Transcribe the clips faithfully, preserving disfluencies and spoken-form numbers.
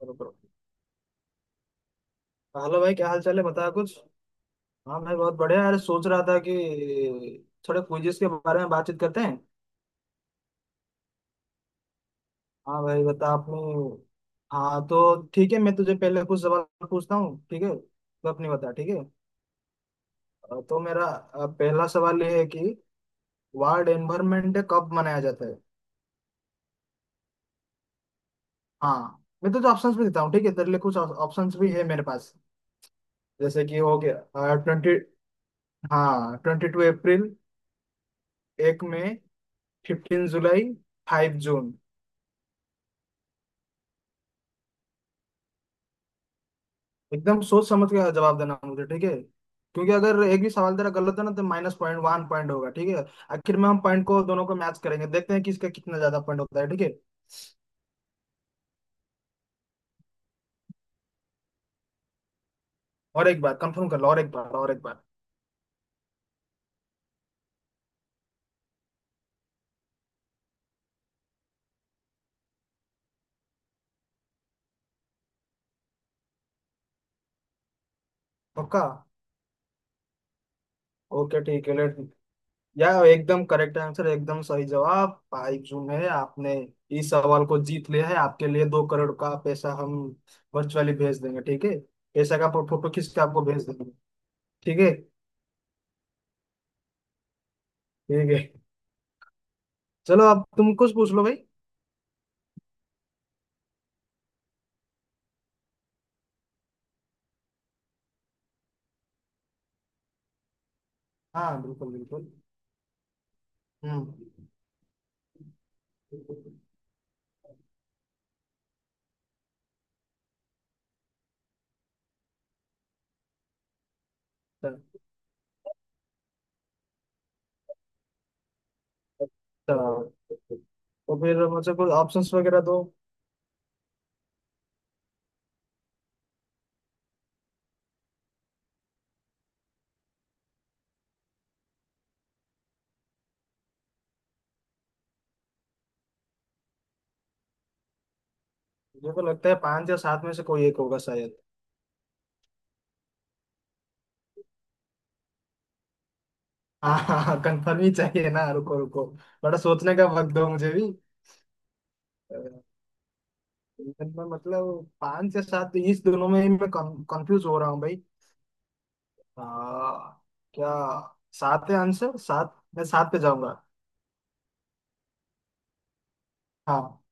करो करो। हेलो भाई, क्या हाल चाल है? बता कुछ। हाँ, मैं बहुत बढ़िया। अरे, सोच रहा था कि थोड़े क्विजेस के बारे में बातचीत करते हैं। हाँ भाई, बता आपने। हाँ, तो ठीक है, मैं तुझे पहले कुछ सवाल पूछता हूँ, ठीक है। तो अपनी बता ठीक है। अ, तो मेरा अ, पहला सवाल ये है कि वर्ल्ड एनवायरनमेंट डे कब मनाया जाता है? हाँ, मैं तुझे ऑप्शंस भी देता हूँ, ठीक है। तेरे लिए कुछ ऑप्शंस भी है मेरे पास। जैसे कि हो गया ट्वेंटी। हाँ, ट्वेंटी टू अप्रैल, एक मई, फिफ्टीन जुलाई, फाइव जून। एकदम सोच समझ के जवाब देना मुझे, ठीक है। क्योंकि अगर एक भी सवाल तेरा गलत है ना तो माइनस पॉइंट वन पॉइंट होगा, ठीक है। आखिर में हम पॉइंट को, दोनों को मैच करेंगे, देखते हैं किसका कितना ज्यादा पॉइंट होता है, ठीक है। और एक बार कंफर्म कर लो, और एक बार, और एक बार। पक्का। ओके ठीक है। लेट या एकदम करेक्ट आंसर, एकदम सही जवाब भाई। जून है, आपने इस सवाल को जीत लिया है। आपके लिए दो करोड़ का पैसा हम वर्चुअली भेज देंगे, ठीक है। पैसा का फोटो खींच के आपको भेज देंगे। ठीक है। ठीक है। चलो अब तुम कुछ पूछ लो भाई। हाँ, बिल्कुल बिल्कुल। हम्म। तो तो फिर मुझे कुछ ऑप्शंस वगैरह दो। मुझे को लगता है पांच या सात में से कोई एक होगा, शायद। हाँ हाँ, कंफर्म ही चाहिए ना। रुको रुको, बड़ा सोचने का वक्त दो मुझे भी। अ, मैं मतलब पांच या सात, तो इस दोनों में ही मैं कंफ्यूज हो रहा हूँ भाई। आ, क्या, सात है आंसर? सात, मैं सात पे जाऊंगा। हाँ।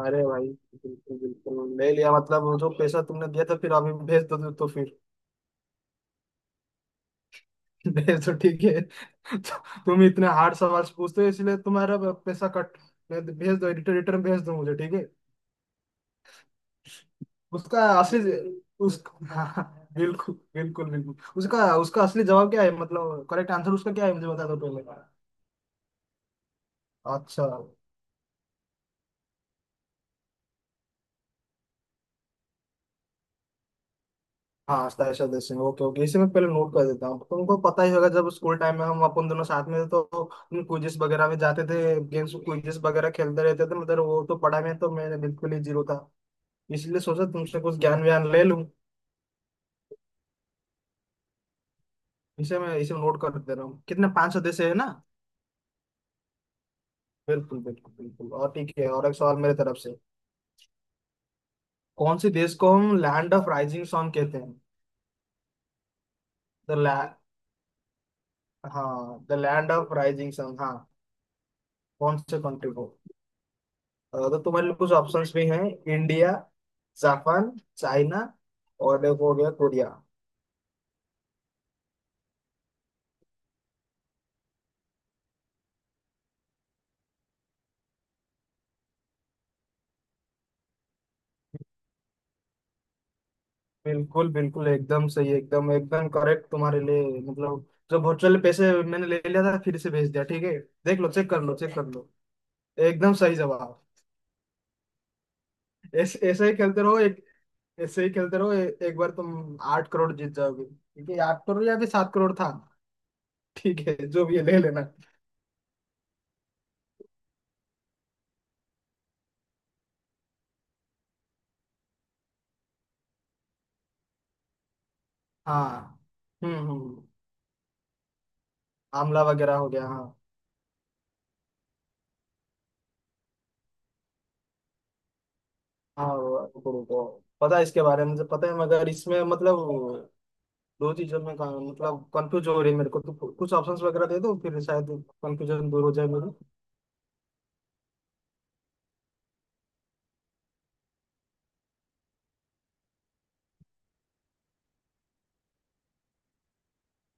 अरे भाई, बिल्कुल बिल्कुल ले लिया, मतलब जो पैसा तुमने दिया था फिर अभी भेज दो तो फिर भेज। तो ठीक है, तो तुम इतने हार्ड सवाल पूछते हो इसलिए तुम्हारा पैसा कट। भेज भेज दो, रिटर्न रिटर्न भेज दो मुझे, ठीक है। उसका असली उस हाँ, हाँ, बिल्कुल बिल्कुल बिल्कुल। उसका उसका असली जवाब क्या है, मतलब करेक्ट आंसर उसका क्या है, मुझे बता दो पहले। अच्छा। हाँ, साहिल देव सिंह, ओके ओके, इसे मैं पहले नोट कर देता हूँ। तुमको पता ही होगा, जब स्कूल टाइम में हम अपन दोनों साथ में थे तो हम क्विजेस वगैरह में जाते थे, गेम्स क्विजेस वगैरह खेलते रहते थे। मतलब वो तो पढ़ाई में तो मैं बिल्कुल ही जीरो था, इसलिए सोचा तुमसे कुछ ज्ञान व्यान ले लूं। इसे मैं इसे नोट कर दे रहा हूँ। कितने, पांच सौ देश है ना। बिल्कुल बिल्कुल बिल्कुल। और ठीक है, और एक सवाल मेरे तरफ से। कौन से देश को हम लैंड ऑफ राइजिंग सन कहते हैं? द लैंड हाँ, the land of rising sun, हाँ। कौन से कंट्री को? अ, तो तुम्हारे लिए कुछ ऑप्शंस भी हैं। इंडिया, जापान, चाइना और एक हो गया कोरिया। बिल्कुल बिल्कुल, एकदम सही, एकदम एकदम करेक्ट। तुम्हारे लिए मतलब जो वर्चुअल पैसे मैंने ले लिया था फिर से भेज दिया, ठीक है। देख लो, चेक कर लो, चेक कर लो। एकदम सही जवाब। ऐसे ऐसे ही खेलते रहो। एक ऐसे ही खेलते रहो, ए, एक बार तुम आठ करोड़ जीत जाओगे, ठीक है। आठ करोड़ या फिर सात करोड़ था? ठीक है, जो भी है ले लेना। हाँ। हम्म हम्म। आमला वगैरह हो गया, हाँ। हाँ, वो- रुको रुको। पता है, इसके बारे में मुझे पता है, मगर इसमें मतलब दो चीजों में का- मतलब कंफ्यूज हो रही है मेरे को। तो कुछ ऑप्शंस वगैरह दे दो, फिर शायद कंफ्यूजन दूर हो जाए मेरी।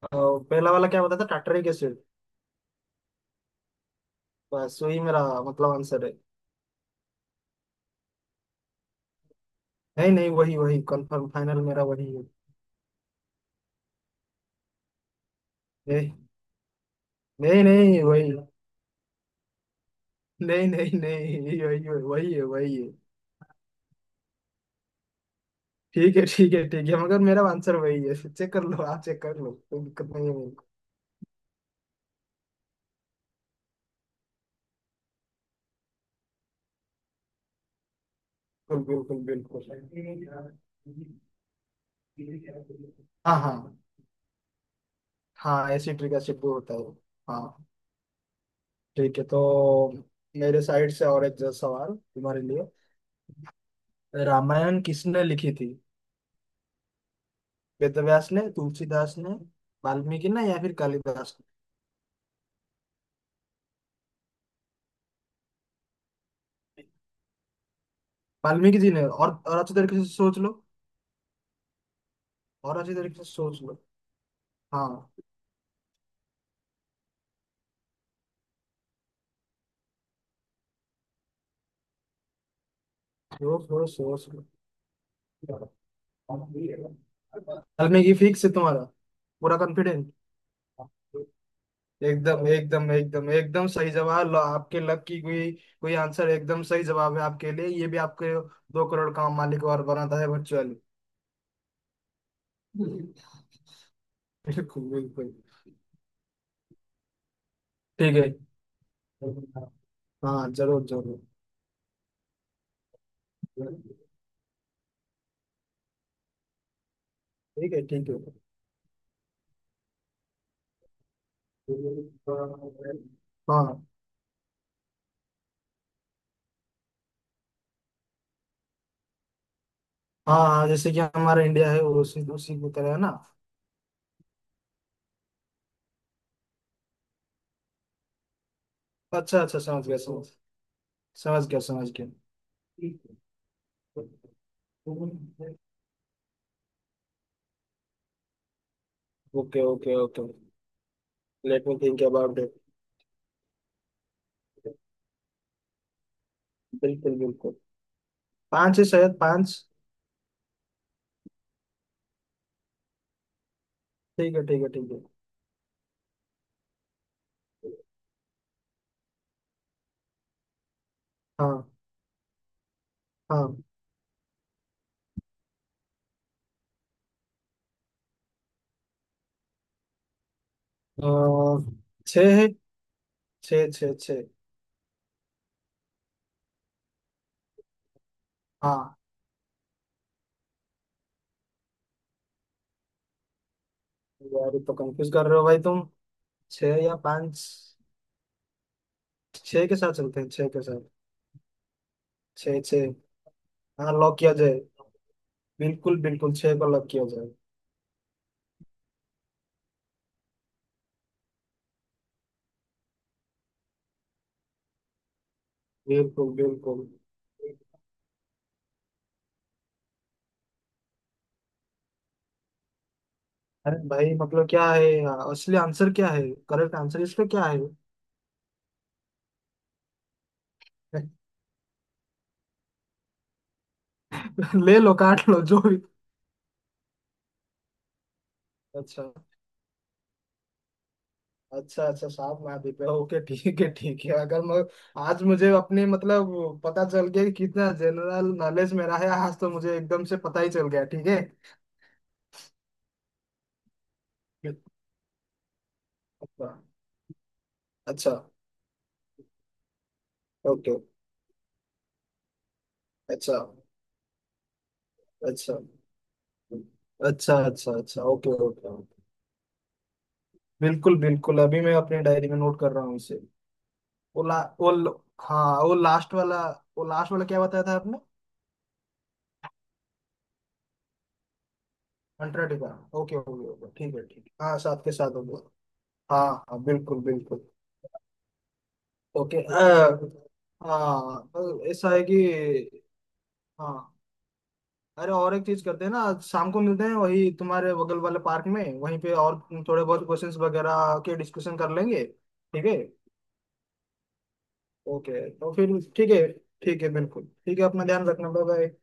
अ, पहला वाला क्या बताया था, टाटरिक एसिड? बस वही मेरा मतलब आंसर है। नहीं नहीं, वही वही, कंफर्म फाइनल मेरा वही है। नहीं नहीं, वही। नहीं नहीं नहीं, वही वही वही है, वही है। ठीक है ठीक है ठीक है, मगर मेरा आंसर वही है। चेक कर लो आप, चेक कर लो, कोई दिक्कत नहीं है मेरे को। बिल्कुल बिल्कुल बिल्कुल। हाँ हाँ। हाँ, ऐसी ट्रिक ऐसे प्रूव होता है। हाँ। ठीक है, तो मेरे साइड से और एक जो सवाल तुम्हारे लिए। रामायण किसने लिखी थी? वेदव्यास ने, तुलसीदास ने, वाल्मीकि ने, या फिर कालिदास ने। वाल्मीकि जी ने, और और अच्छे तरीके से सोच लो। और अच्छे तरीके से सोच लो। हाँ। सोच, थोड़ा सोच। और मैं, ये फिक्स है तुम्हारा? पूरा कॉन्फिडेंट? एकदम एकदम एकदम एकदम सही जवाब। लो, आपके लक की कोई कोई आंसर एकदम सही जवाब है आपके लिए। ये भी आपके दो करोड़ का मालिक और बनाता है, वर्चुअली। बिल्कुल बिल्कुल। ठीक है। हाँ, जरूर जरूर। ठीक है ठीक है। हाँ हाँ। हाँ, जैसे कि हमारा इंडिया है, वो उसी उसी की तरह है ना। अच्छा अच्छा, समझ गया, समझ समझ गया, समझ गया। Okay okay okay. Let me think about it. बिल्कुल बिल्कुल। पांच है शायद, पांच। ठीक है ठीक है ठीक है। हाँ हाँ। अह, छः है। छः छः छः। हाँ। यार, ये तो कंफ्यूज कर रहे हो भाई तुम। छः या पाँच? छः के साथ चलते हैं, छः के साथ। छः छः। हाँ, लॉक किया जाए। बिल्कुल बिल्कुल, छः को लॉक किया जाए। बिल्कुल बिल्कुल। अरे भाई, मतलब क्या है? असली आंसर क्या है? करेक्ट आंसर इसका क्या है? ले लो, काट लो जो भी। अच्छा अच्छा अच्छा, साफ माफी पे। ओके ठीक है ठीक है, अगर मैं आज मुझे अपने, मतलब, पता चल गया कि कितना जनरल नॉलेज मेरा है। आज तो मुझे एकदम से पता ही चल गया, ठीक है। अच्छा। अच्छा ओके। अच्छा अच्छा अच्छा। अच्छा अच्छा ओके ओके। बिल्कुल बिल्कुल, अभी मैं अपने डायरी में नोट कर रहा हूँ इसे। वो ला वो ल- हाँ, वो लास्ट वाला। वो लास्ट वाला क्या बताया था आपने? अंटार्कटिका। ओके, हो गया हो गया, ठीक है ठीक है, हाँ, साथ के साथ हो गया। हाँ हाँ, बिल्कुल बिल्कुल। ओके, अ, हाँ, अ, ऐसा है कि, हाँ, अरे और एक चीज करते हैं ना, आज शाम को मिलते हैं वही तुम्हारे बगल वाले पार्क में वहीं पे, और थोड़े बहुत क्वेश्चंस वगैरह के डिस्कशन कर लेंगे, ठीक है। ओके, तो फिर ठीक है। ठीक है, बिल्कुल ठीक है, अपना ध्यान रखना, बाय बाय।